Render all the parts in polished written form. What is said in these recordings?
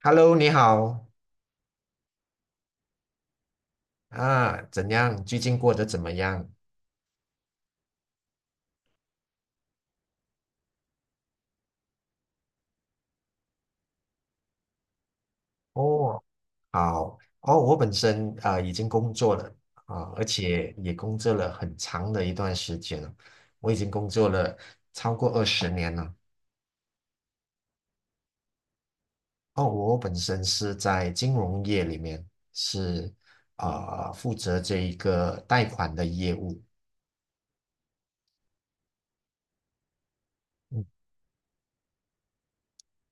Hello，你好啊，怎样？最近过得怎么样？哦，好哦，我本身已经工作了而且也工作了很长的一段时间了，我已经工作了超过二十年了。哦，我本身是在金融业里面，是负责这一个贷款的业务。嗯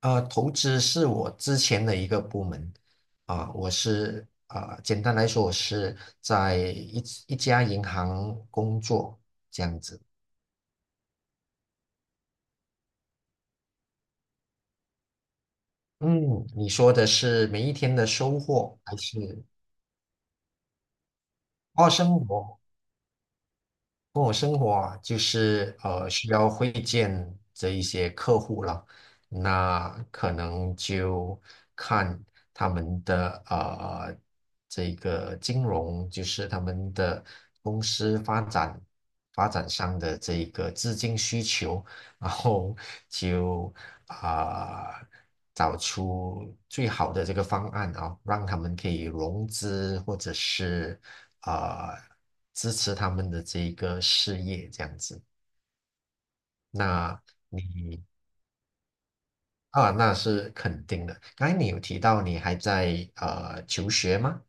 投资是我之前的一个部门啊，我是啊，简单来说，我是在一家银行工作这样子。嗯，你说的是每一天的收获还是哦，生活？跟我生活啊，就是需要会见这一些客户了，那可能就看他们的这个金融，就是他们的公司发展上的这一个资金需求，然后就啊、找出最好的这个方案啊，让他们可以融资或者是啊、呃支持他们的这一个事业这样子。那那是肯定的。刚才你有提到你还在求学吗？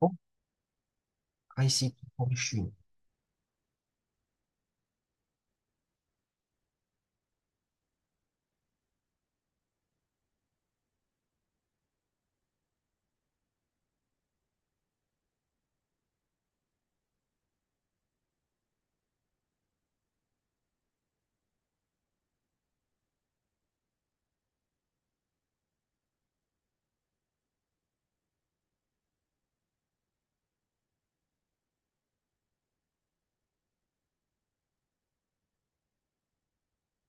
哦，ICT 通讯，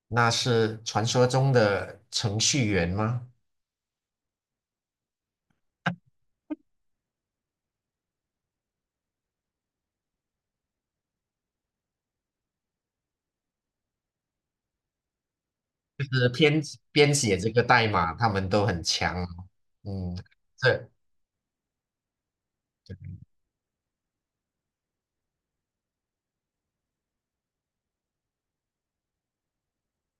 那是传说中的程序员吗？就是编写这个代码，他们都很强哦。嗯，这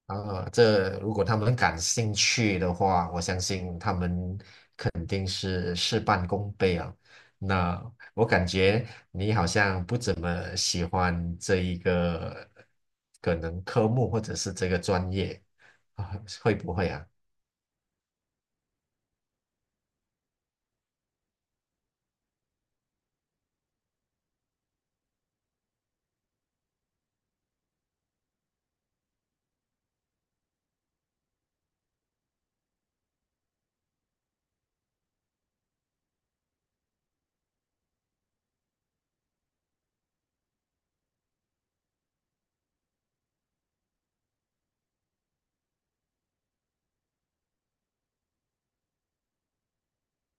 这如果他们感兴趣的话，我相信他们肯定是事半功倍啊。那我感觉你好像不怎么喜欢这一个可能科目或者是这个专业啊，会不会啊？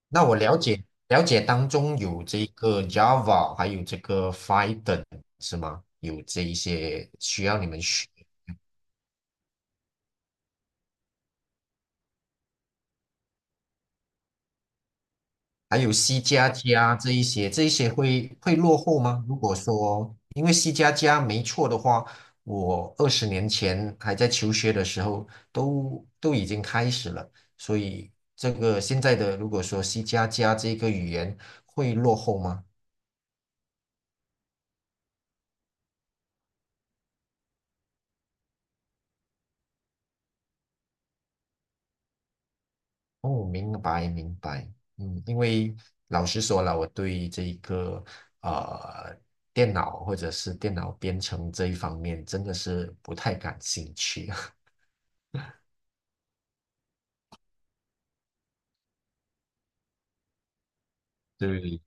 那我了解了解当中有这个 Java，还有这个 Python 是吗？有这一些需要你们学。还有 C 加加这一些，会落后吗？如果说，因为 C 加加没错的话，我20年前还在求学的时候都已经开始了，所以这个现在的如果说 C 加加这个语言会落后吗？哦，明白明白，因为老实说了，我对这一个呃电脑或者是电脑编程这一方面真的是不太感兴趣。对，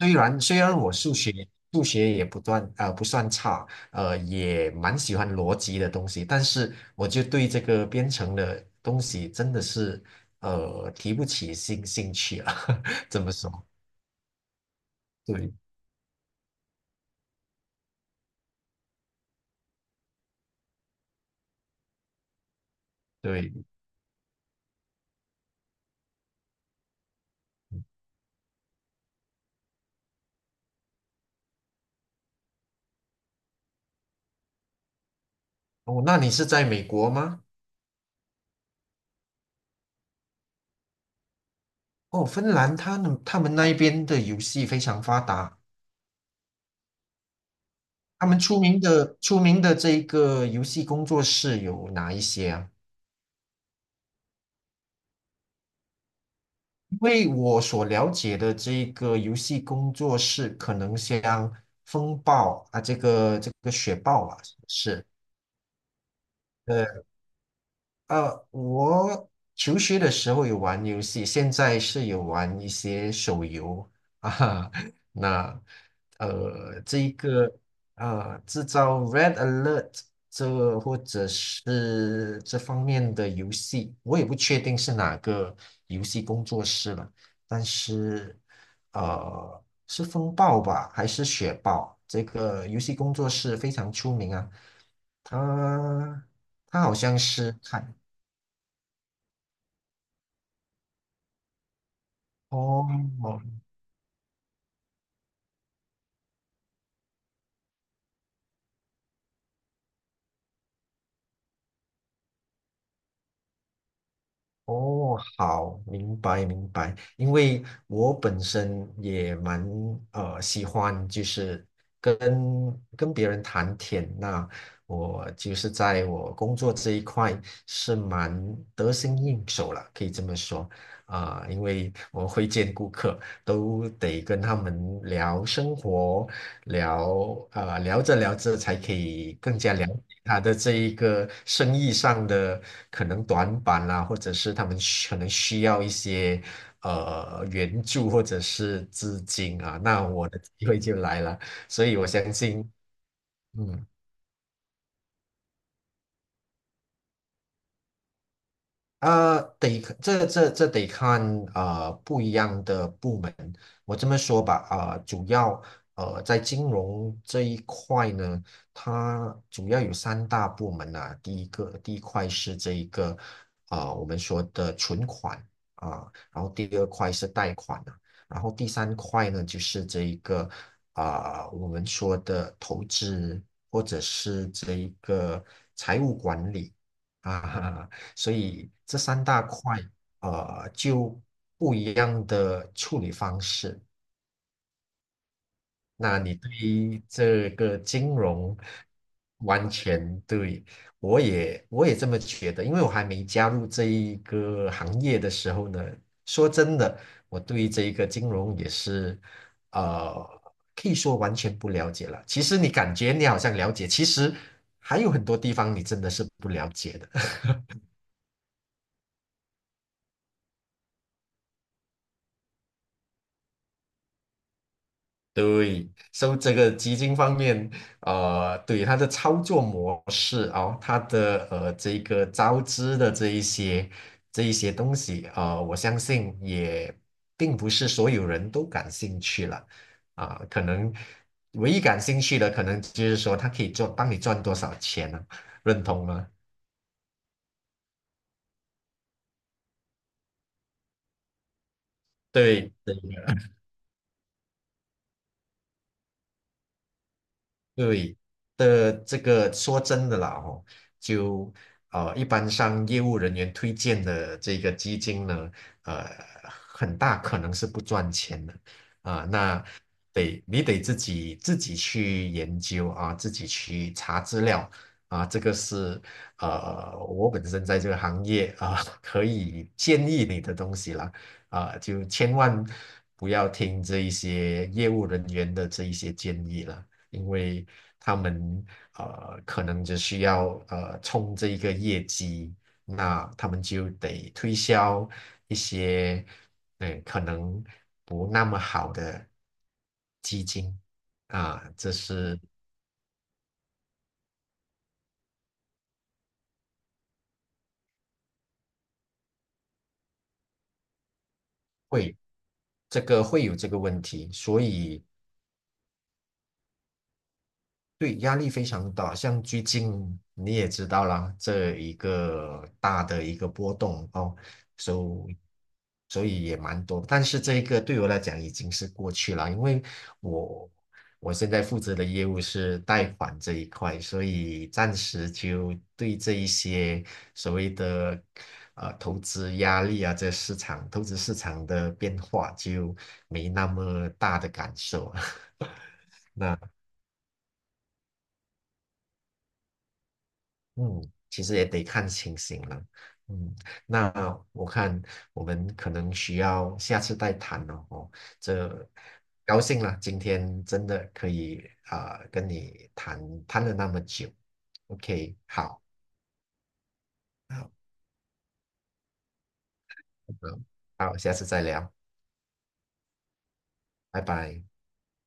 虽然我数学也不算差，也蛮喜欢逻辑的东西，但是我就对这个编程的东西真的是提不起兴趣啊，怎么说？对对，哦，那你是在美国吗？哦，芬兰他们那一边的游戏非常发达，他们出名的这个游戏工作室有哪一些啊？因为我所了解的这个游戏工作室，可能像风暴啊，这个雪豹啊，是不是呃我求学的时候有玩游戏，现在是有玩一些手游啊。那这一个制造 Red Alert 这或者是这方面的游戏，我也不确定是哪个游戏工作室了，但是是风暴吧，还是雪豹？这个游戏工作室非常出名啊，它它好像是开。哦哦，好，明白明白。因为我本身也蛮喜欢，就是跟跟别人谈天。那我就是在我工作这一块是蛮得心应手了，可以这么说啊、因为我会见顾客，都得跟他们聊生活，聊着聊着才可以更加了解他的这一个生意上的可能短板啦、或者是他们可能需要一些援助或者是资金啊，那我的机会就来了，所以我相信，嗯。得这这这得看啊，不一样的部门。我这么说吧，主要在金融这一块呢，它主要有三大部门啊。第一块是这一个我们说的存款然后第二块是贷款啊，然后第三块呢就是这一个我们说的投资或者是这一个财务管理。啊，所以这三大块，就不一样的处理方式。那你对于这个金融完全对，我也这么觉得，因为我还没加入这一个行业的时候呢，说真的，我对这一个金融也是，呃，可以说完全不了解了。其实你感觉你好像了解，其实还有很多地方你真的是不了解的。对，所以这个基金方面，对它的操作模式哦，它的这个招资的这一些东西，我相信也并不是所有人都感兴趣了啊、可能唯一感兴趣的，可能就是说它可以做帮你赚多少钱呢、认同吗？对，对对的，这个说真的啦，哦，就一般上业务人员推荐的这个基金呢，呃，很大可能是不赚钱的啊，那你得自己去研究啊，自己去查资料啊，这个是我本身在这个行业啊，可以建议你的东西啦。啊，就千万不要听这一些业务人员的这一些建议了因为他们可能只需要冲这一个业绩，那他们就得推销一些可能不那么好的基金啊，这是会会有这个问题，所以对，压力非常大，像最近你也知道啦，这一个大的一个波动哦，所以所以也蛮多，但是这一个对我来讲已经是过去了，因为我我现在负责的业务是贷款这一块，所以暂时就对这一些所谓的投资压力啊，这市场投资市场的变化就没那么大的感受。那。嗯，其实也得看情形了。嗯，那我看我们可能需要下次再谈了哦。这高兴了，今天真的可以啊、跟你谈谈了那么久。OK，好，好，好，好下次再聊，拜拜。